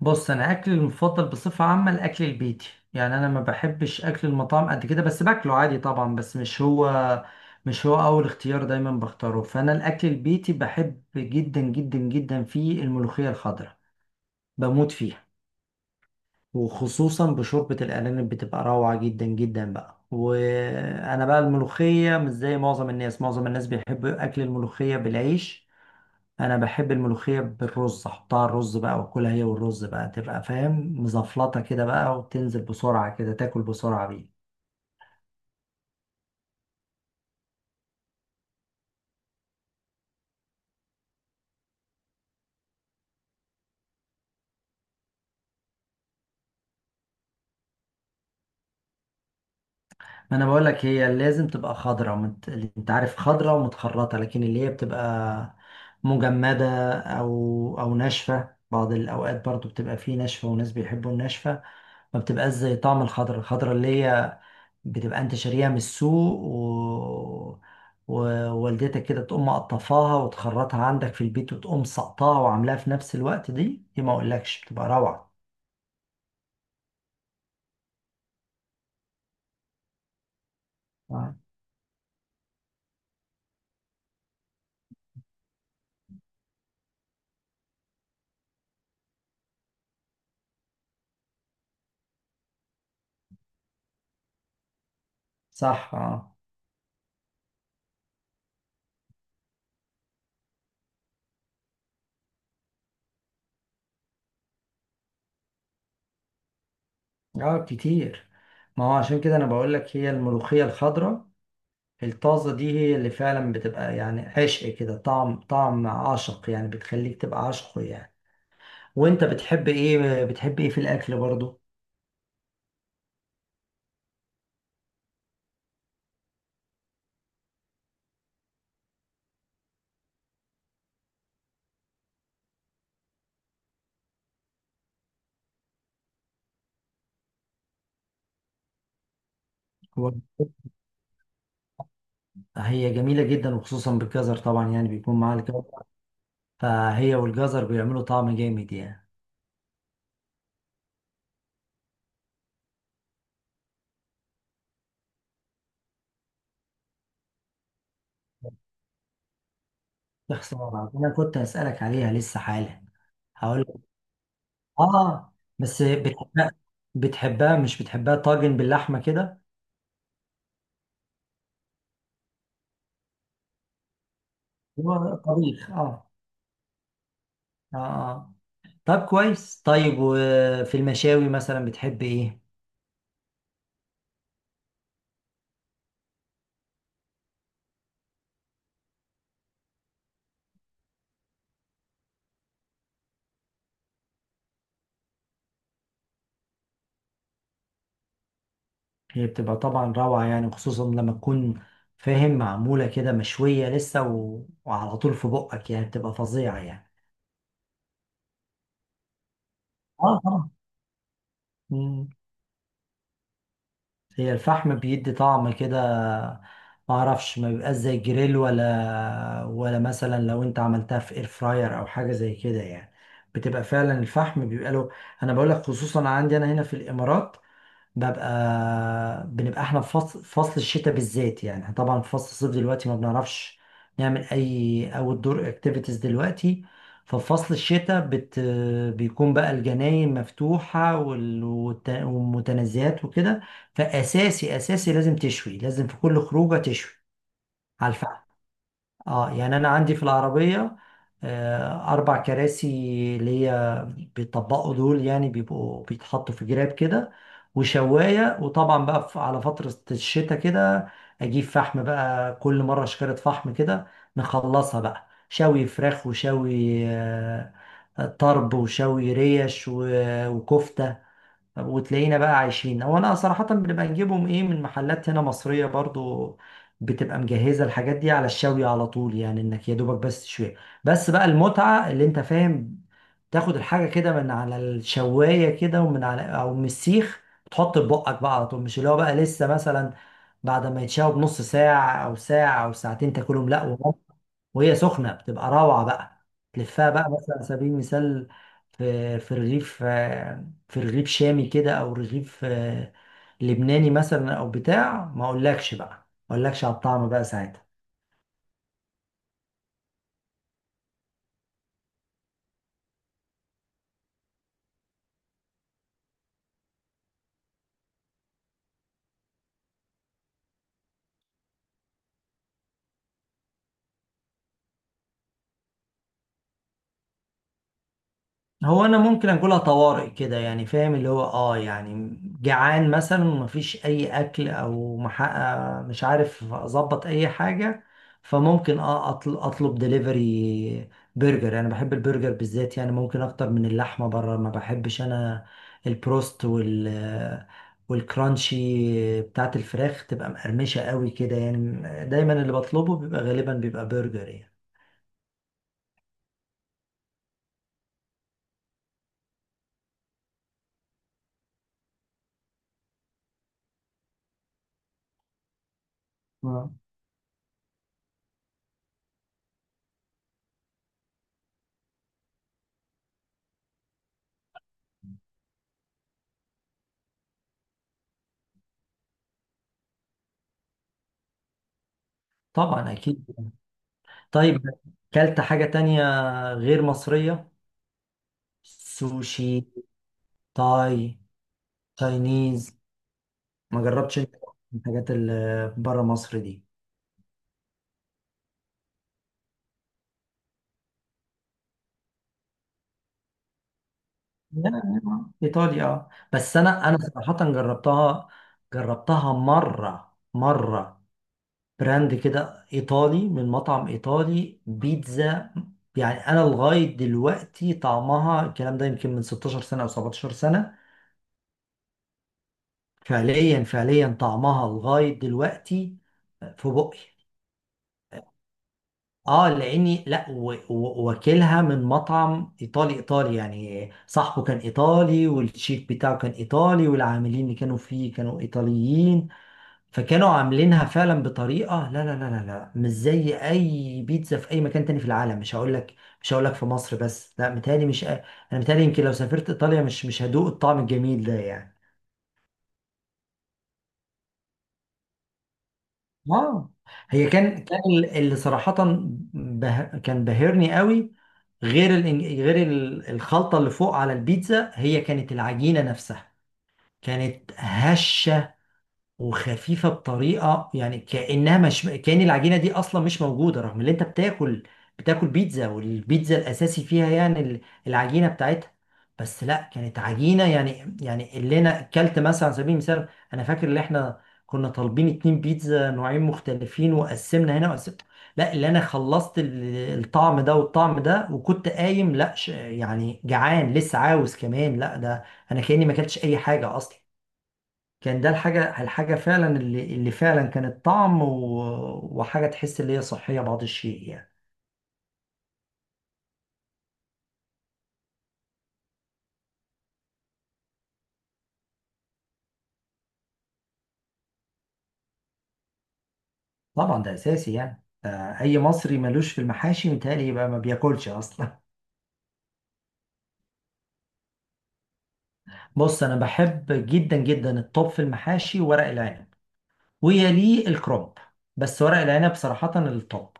بص، انا اكلي المفضل بصفه عامه الاكل البيتي. يعني انا ما بحبش اكل المطاعم قد كده، بس باكله عادي طبعا، بس مش هو اول اختيار دايما بختاره. فانا الاكل البيتي بحب جدا جدا جدا، فيه الملوخيه الخضراء بموت فيها، وخصوصا بشوربه الارانب بتبقى روعه جدا جدا بقى. وانا بقى الملوخيه مش زي معظم الناس بيحبوا اكل الملوخيه بالعيش. انا بحب الملوخيه بالرز، احطها على الرز بقى واكلها هي والرز بقى، تبقى فاهم مزفلطه كده بقى، وتنزل بسرعه كده، تاكل بسرعه بيه. ما انا بقول لك، هي لازم تبقى خضراء انت عارف، خضراء ومتخرطه، لكن اللي هي بتبقى مجمده او ناشفه بعض الاوقات، برضو بتبقى فيه ناشفه، وناس بيحبوا الناشفه. ما بتبقاش زي طعم الخضرة، الخضرة اللي هي بتبقى انت شاريها من السوق ووالدتك كده تقوم مقطفاها وتخرطها عندك في البيت، وتقوم سقطاها وعاملاها في نفس الوقت، دي ما اقولكش بتبقى روعة. آه. صح، اه. اه، كتير. ما هو عشان كده انا بقولك، هي الملوخية الخضراء الطازة دي هي اللي فعلا بتبقى يعني عشق كده، طعم عاشق يعني، بتخليك تبقى عاشقه يعني. وانت بتحب ايه في الاكل برضو؟ هي جميلة جدا، وخصوصا بالجزر طبعا، يعني بيكون معاها الجزر، فهي والجزر بيعملوا طعم جامد يعني. يا خسارة، أنا كنت هسألك عليها لسه حالا. هقول لك. آه. بس بتحبها مش بتحبها طاجن باللحمة كده؟ هو طبيخ. آه. آه، آه. طب كويس. طيب، وفي المشاوي مثلا بتحب إيه؟ هي بتبقى طبعا روعة يعني، وخصوصا لما تكون فاهم، معمولة كده، مشوية لسه وعلى طول في بقك، يعني بتبقى فظيعة يعني. آه، طبعا. مم. هي الفحم بيدي طعم كده، ما اعرفش، ما بيبقاش زي الجريل، ولا مثلا لو انت عملتها في اير فراير او حاجه زي كده يعني، بتبقى فعلا الفحم بيبقى له. انا بقول لك، خصوصا عندي انا هنا في الامارات، ببقى بنبقى احنا في فصل الشتاء بالذات. يعني احنا طبعا في فصل الصيف دلوقتي ما بنعرفش نعمل اي اوت دور اكتيفيتيز دلوقتي. ففي فصل الشتاء بيكون بقى الجناين مفتوحة، والمتنزهات وكده. فأساسي أساسي لازم تشوي، لازم في كل خروجة تشوي على الفحم. اه يعني انا عندي في العربيه 4 كراسي، اللي هي بيطبقوا دول يعني، بيبقوا بيتحطوا في جراب كده، وشوايه. وطبعا بقى على فتره الشتاء كده، اجيب فحم بقى كل مره شكاره فحم كده، نخلصها بقى، شوي فراخ وشوي طرب وشوي ريش وكفته. وتلاقينا بقى عايشين. هو انا صراحة بنبقى نجيبهم، ايه، من محلات هنا مصرية برضو، بتبقى مجهزة الحاجات دي على الشوي على طول، يعني انك يا دوبك بس تشويها. بس بقى المتعة، اللي انت فاهم، تاخد الحاجة كده من على الشواية كده، ومن على او من السيخ، تحط في بقك بقى على طول. مش اللي هو بقى لسه مثلا بعد ما يتشوى بنص ساعة او ساعة او ساعتين تاكلهم، لا. وهي سخنه بتبقى روعه بقى. تلفها بقى مثلا، على سبيل المثال، في رغيف في رغيف شامي كده، او رغيف لبناني مثلا، او بتاع، ما اقولكش بقى، ما اقولكش على الطعم بقى ساعتها. هو انا ممكن اكلها طوارئ كده يعني، فاهم، اللي هو يعني جعان مثلا ومفيش اي اكل، او محقق مش عارف اظبط اي حاجه، فممكن اطلب دليفري. برجر، انا بحب البرجر بالذات يعني، ممكن اكتر من اللحمه، بره ما بحبش انا، البروست والكرانشي بتاعت الفراخ تبقى مقرمشه قوي كده يعني. دايما اللي بطلبه بيبقى غالبا بيبقى برجر يعني. آه. طبعا، اكيد. طيب، كلت حاجة تانية غير مصرية؟ سوشي؟ تاي؟ تاينيز؟ ما جربتش انت الحاجات اللي بره مصر دي؟ لا لا، ايطاليا، اه. بس انا صراحة جربتها، جربتها مرة مرة. براند كده ايطالي، من مطعم ايطالي، بيتزا. يعني انا لغاية دلوقتي طعمها، الكلام ده يمكن من 16 سنة او 17 سنة، فعليا فعليا طعمها لغاية دلوقتي في بقي. اه، لاني لا واكلها من مطعم ايطالي ايطالي، يعني صاحبه كان ايطالي، والشيف بتاعه كان ايطالي، والعاملين اللي كانوا فيه كانوا ايطاليين. فكانوا عاملينها فعلا بطريقه، لا لا لا لا لا، مش زي اي بيتزا في اي مكان تاني في العالم. مش هقول لك في مصر بس، لا، متهيألي، مش انا، متهيألي يمكن لو سافرت ايطاليا مش هدوق الطعم الجميل ده يعني. اه، هي كان اللي صراحة كان بهرني قوي، غير الخلطة اللي فوق على البيتزا. هي كانت العجينة نفسها، كانت هشة وخفيفه بطريقه، يعني كانها مش، كان العجينه دي اصلا مش موجوده، رغم ان انت بتاكل بيتزا، والبيتزا الاساسي فيها يعني العجينه بتاعتها. بس لا، كانت عجينه يعني، اللي انا اكلت مثلا على سبيل المثال. انا فاكر ان احنا كنا طالبين 2 بيتزا نوعين مختلفين، وقسمنا هنا وقسمنا، لا، اللي انا خلصت الطعم ده والطعم ده، وكنت قايم، لا، يعني جعان لسه عاوز كمان، لا، ده انا كاني ما اكلتش اي حاجه اصلا. كان ده الحاجة، فعلا، اللي فعلا كانت طعم وحاجة تحس اللي هي صحية بعض الشيء يعني. طبعا، ده أساسي يعني. أي مصري ملوش في المحاشي متهيألي يبقى ما بياكلش أصلا. بص، أنا بحب جدا جدا الطب في المحاشي ورق العنب، ويليه الكرنب، بس ورق العنب صراحة الطب.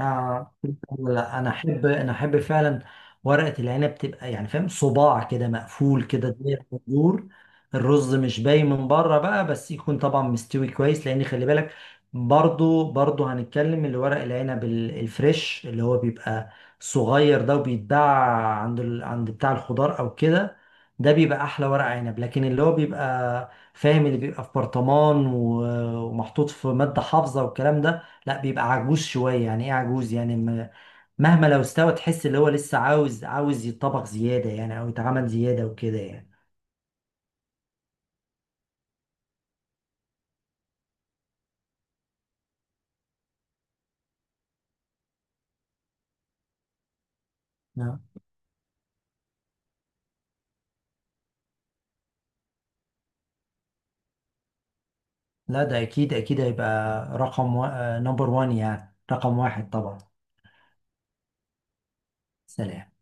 آه. لا، انا احب فعلا ورقه العنب تبقى، يعني فاهم، صباع كده مقفول كده زي الصدور، الرز مش باين من بره بقى، بس يكون طبعا مستوي كويس، لان خلي بالك، برضو هنتكلم، اللي ورق العنب الفريش، اللي هو بيبقى صغير ده، وبيتباع عند عند بتاع الخضار او كده، ده بيبقى احلى ورق عنب. لكن اللي هو بيبقى فاهم، اللي بيبقى في برطمان ومحطوط في ماده حافظه والكلام ده، لا، بيبقى عجوز شوية. يعني ايه عجوز؟ يعني مهما لو استوى تحس اللي هو لسه عاوز يتطبخ زيادة يعني، او يتعمل زيادة وكده يعني. نعم. لا، ده اكيد اكيد هيبقى رقم و... نمبر وان، يعني رقم واحد طبعا. سلام.